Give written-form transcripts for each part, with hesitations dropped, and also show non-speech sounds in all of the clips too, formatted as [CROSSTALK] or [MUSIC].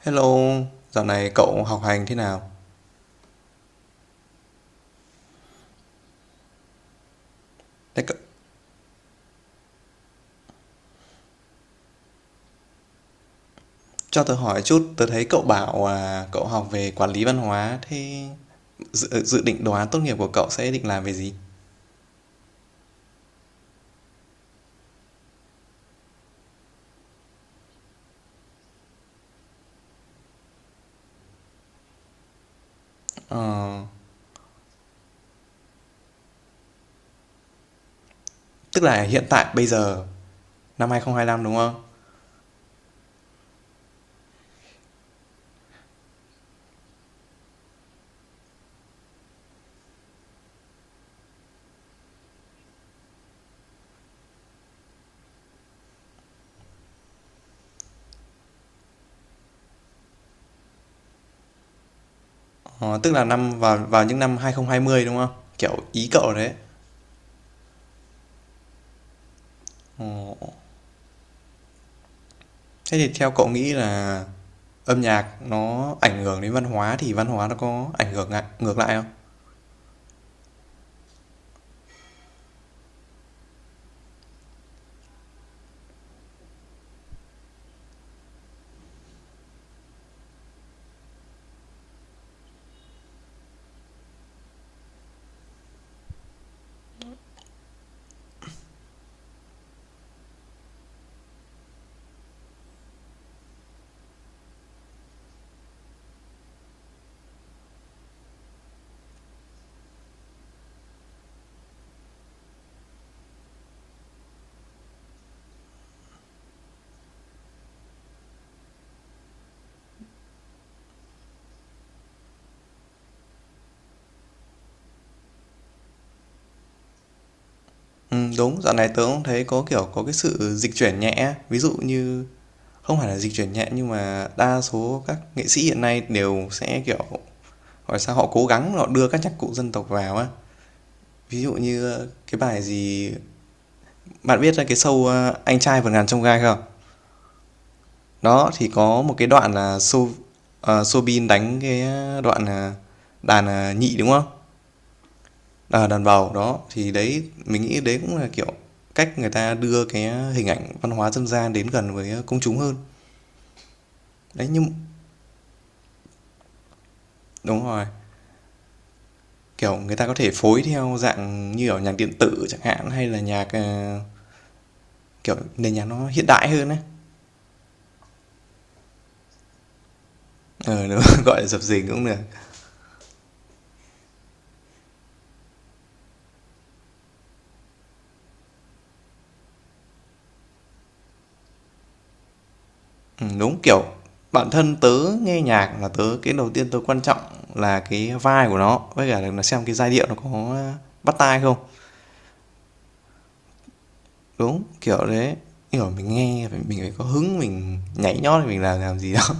Hello, dạo này cậu học hành thế nào? Thế cậu, cho tớ hỏi chút, tớ thấy cậu bảo à, cậu học về quản lý văn hóa, thế dự định đồ án tốt nghiệp của cậu sẽ định làm về gì? Tức là hiện tại bây giờ năm 2025 đúng không? Ờ, tức là năm vào vào những năm 2020 đúng không? Kiểu ý cậu đấy. Ờ, thế thì theo cậu nghĩ là âm nhạc nó ảnh hưởng đến văn hóa thì văn hóa nó có ảnh hưởng ngược lại không? Ừ, đúng, dạo này tớ cũng thấy có kiểu có cái sự dịch chuyển nhẹ, ví dụ như không phải là dịch chuyển nhẹ nhưng mà đa số các nghệ sĩ hiện nay đều sẽ, kiểu, hỏi sao, họ cố gắng họ đưa các nhạc cụ dân tộc vào á. Ví dụ như cái bài gì bạn biết cái show, Anh Trai Vượt Ngàn Chông Gai không? Đó, thì có một cái đoạn là Soobin đánh cái đoạn, à, đàn, à, nhị, đúng không? Ờ, đàn bầu, đó, thì đấy mình nghĩ đấy cũng là, kiểu, cách người ta đưa cái hình ảnh văn hóa dân gian đến gần với công chúng hơn. Đấy, nhưng đúng rồi. Kiểu người ta có thể phối theo dạng như ở nhạc điện tử chẳng hạn hay là nhạc kiểu nền nhạc nó hiện đại hơn ấy. Ờ [LAUGHS] đúng, gọi là dập dình cũng được. Ừ, đúng kiểu bản thân tớ nghe nhạc là tớ cái đầu tiên tớ quan trọng là cái vibe của nó với cả là xem cái giai điệu nó có bắt tai không. Đúng, kiểu đấy. Kiểu mình nghe mình phải có hứng mình nhảy nhót thì mình làm gì đó. [LAUGHS]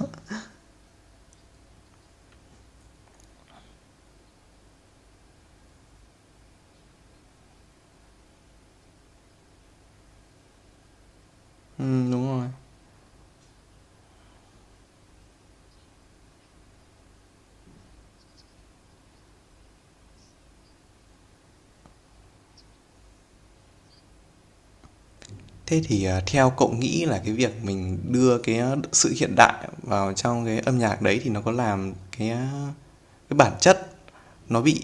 Ừ, đúng rồi. Thế thì, ờ, theo cậu nghĩ là cái việc mình đưa cái, à, sự hiện đại vào trong cái âm nhạc đấy thì nó có làm cái, à, cái bản chất nó bị,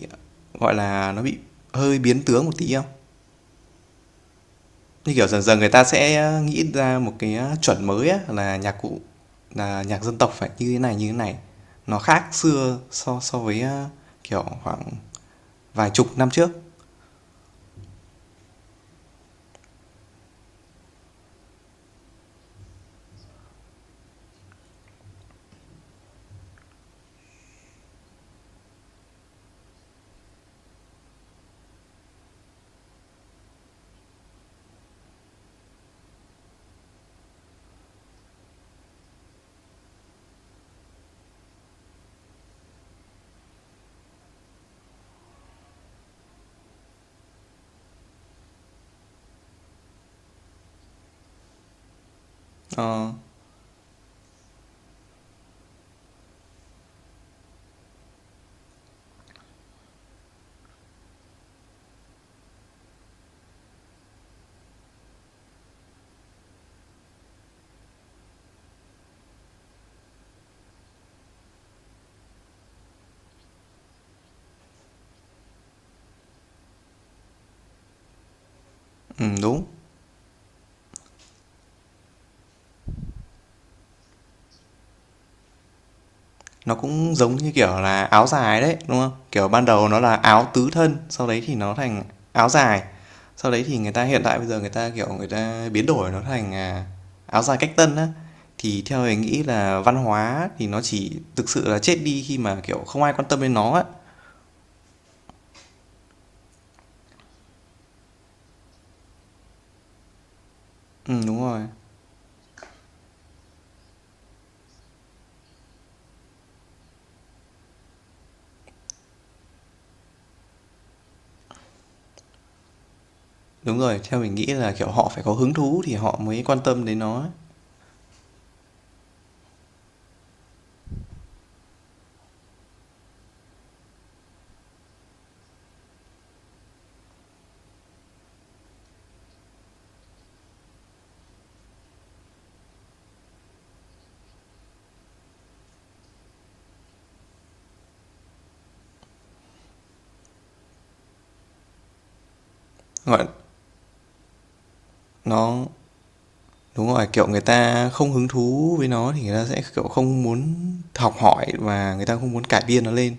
gọi là, nó bị hơi biến tướng một tí không? Như kiểu dần dần người ta sẽ à, nghĩ ra một cái, à, chuẩn mới á là nhạc cụ là nhạc dân tộc phải như thế này, nó khác xưa so so với, a, kiểu, khoảng vài chục năm trước. Ờ, đúng. Nó cũng giống như kiểu là áo dài đấy, đúng không? Kiểu ban đầu nó là áo tứ thân, sau đấy thì nó thành áo dài. Sau đấy thì người ta hiện tại bây giờ người ta kiểu người ta biến đổi nó thành à, áo dài cách tân á. Thì theo mình nghĩ là văn hóa thì nó chỉ thực sự là chết đi khi mà kiểu không ai quan tâm đến nó á. Ừ đúng rồi. Đúng rồi, theo mình nghĩ là kiểu họ phải có hứng thú thì họ mới quan tâm đến nó. Gọi nó Đúng rồi, kiểu, người ta không hứng thú với nó thì người ta sẽ, kiểu, không muốn học hỏi và người ta không muốn cải biên nó lên.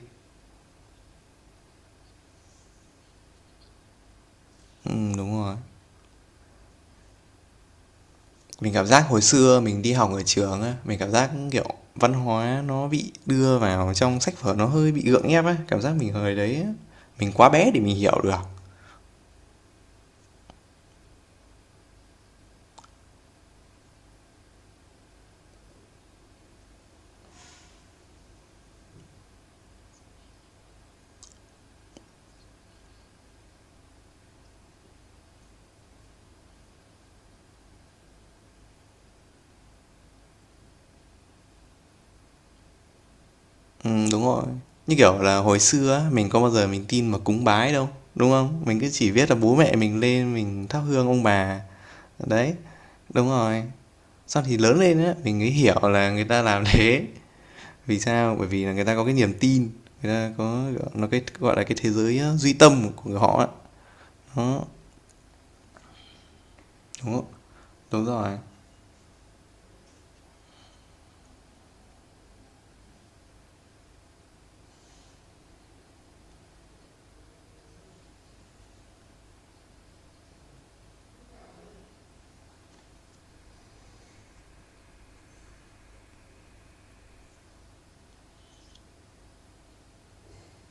Đúng rồi. Mình cảm giác hồi xưa mình đi học ở trường á, mình cảm giác, kiểu, văn hóa nó bị đưa vào trong sách vở nó hơi bị gượng ép á, cảm giác mình hồi đấy á, mình quá bé để mình hiểu được. Đúng rồi. Như kiểu là hồi xưa á, mình có bao giờ mình tin mà cúng bái đâu, đúng không? Mình cứ chỉ biết là bố mẹ mình lên mình thắp hương ông bà, đấy. Đúng rồi. Sau thì lớn lên á, mình mới hiểu là người ta làm thế vì sao? Bởi vì là người ta có cái niềm tin, người ta có nó cái gọi là cái thế giới duy tâm của người họ á. Đó, đúng không? Đúng rồi.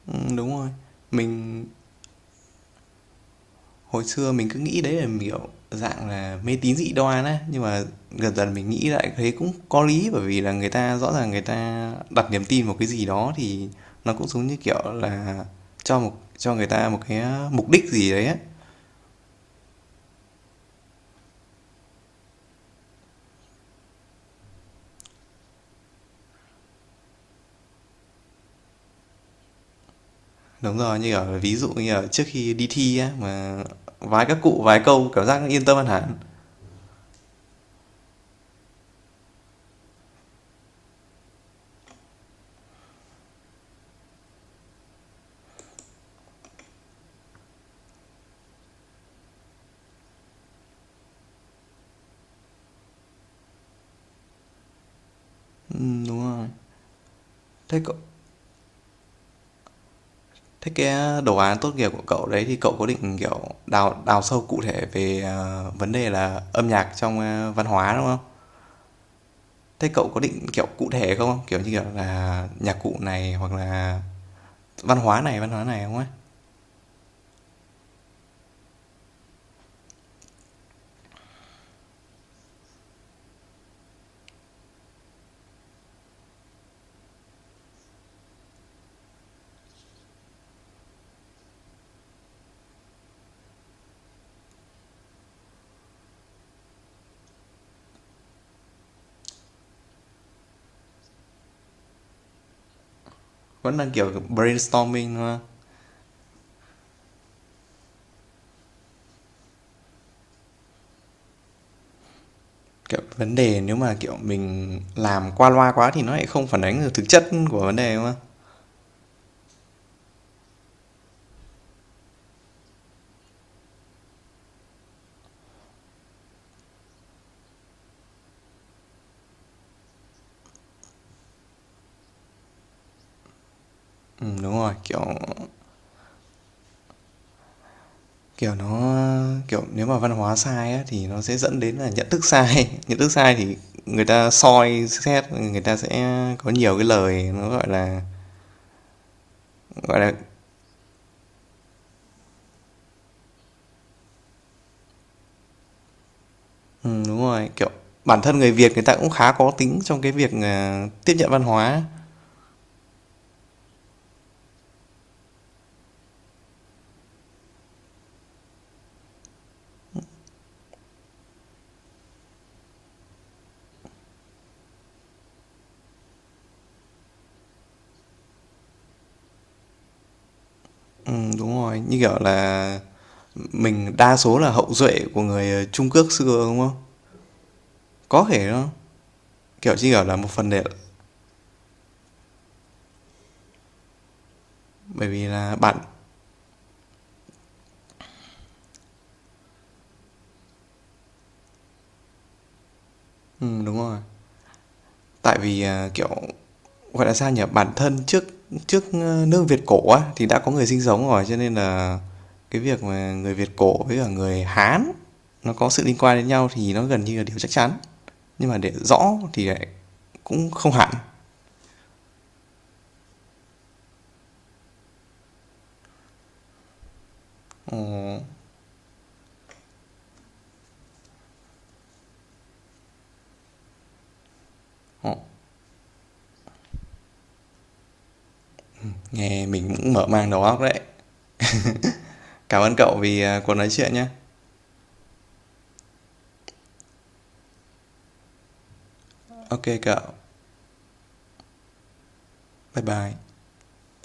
Đúng rồi. Mình hồi xưa mình cứ nghĩ đấy là kiểu dạng là mê tín dị đoan á, nhưng mà dần dần mình nghĩ lại thấy cũng có lý bởi vì là người ta rõ ràng người ta đặt niềm tin vào cái gì đó thì nó cũng giống như kiểu là cho một cho người ta một cái mục đích gì đấy á. Đúng rồi, như ở ví dụ như ở trước khi đi thi á, mà vái các cụ vái câu cảm giác yên tâm hơn hẳn. Đúng rồi. Thế cậu Thế cái à, đồ án tốt nghiệp của cậu đấy thì cậu có định, kiểu, đào đào sâu cụ thể về, ờ, vấn đề là âm nhạc trong, a, văn hóa, đúng không? Thế cậu có định, kiểu, cụ thể không? Kiểu như, kiểu là, nhạc cụ này hoặc là văn hóa này không ấy? Vẫn đang, kiểu, brainstorming, đúng không? Kiểu, vấn đề nếu mà, kiểu, mình làm qua loa quá thì nó lại không phản ánh được thực chất của vấn đề, đúng không? Đúng rồi, kiểu, kiểu, nó, kiểu, nếu mà văn hóa sai á thì nó sẽ dẫn đến là nhận thức sai. [LAUGHS] Nhận thức sai thì người ta soi xét, người ta sẽ có nhiều cái lời nó, gọi là đúng rồi, kiểu, bản thân người Việt người ta cũng khá có tính trong cái việc, ờ, tiếp nhận văn hóa. Đúng rồi, như kiểu là, mình đa số là hậu duệ của người, ờ, Trung Quốc xưa, đúng không? Có thể đó, kiểu, chỉ kiểu là, một phần để bởi vì là bản đúng rồi, tại vì, à, kiểu gọi là sao nhỉ bản thân trước trước ờ, nước Việt cổ á thì đã có người sinh sống rồi cho nên là cái việc mà người Việt cổ với cả người Hán nó có sự liên quan đến nhau thì nó gần như là điều chắc chắn nhưng mà để rõ thì lại cũng không hẳn. Ờ, ờ, nghe mình cũng mở mang đầu óc đấy. Cảm ơn cậu vì cuộc nói chuyện nhé. Ok cậu, bye bye.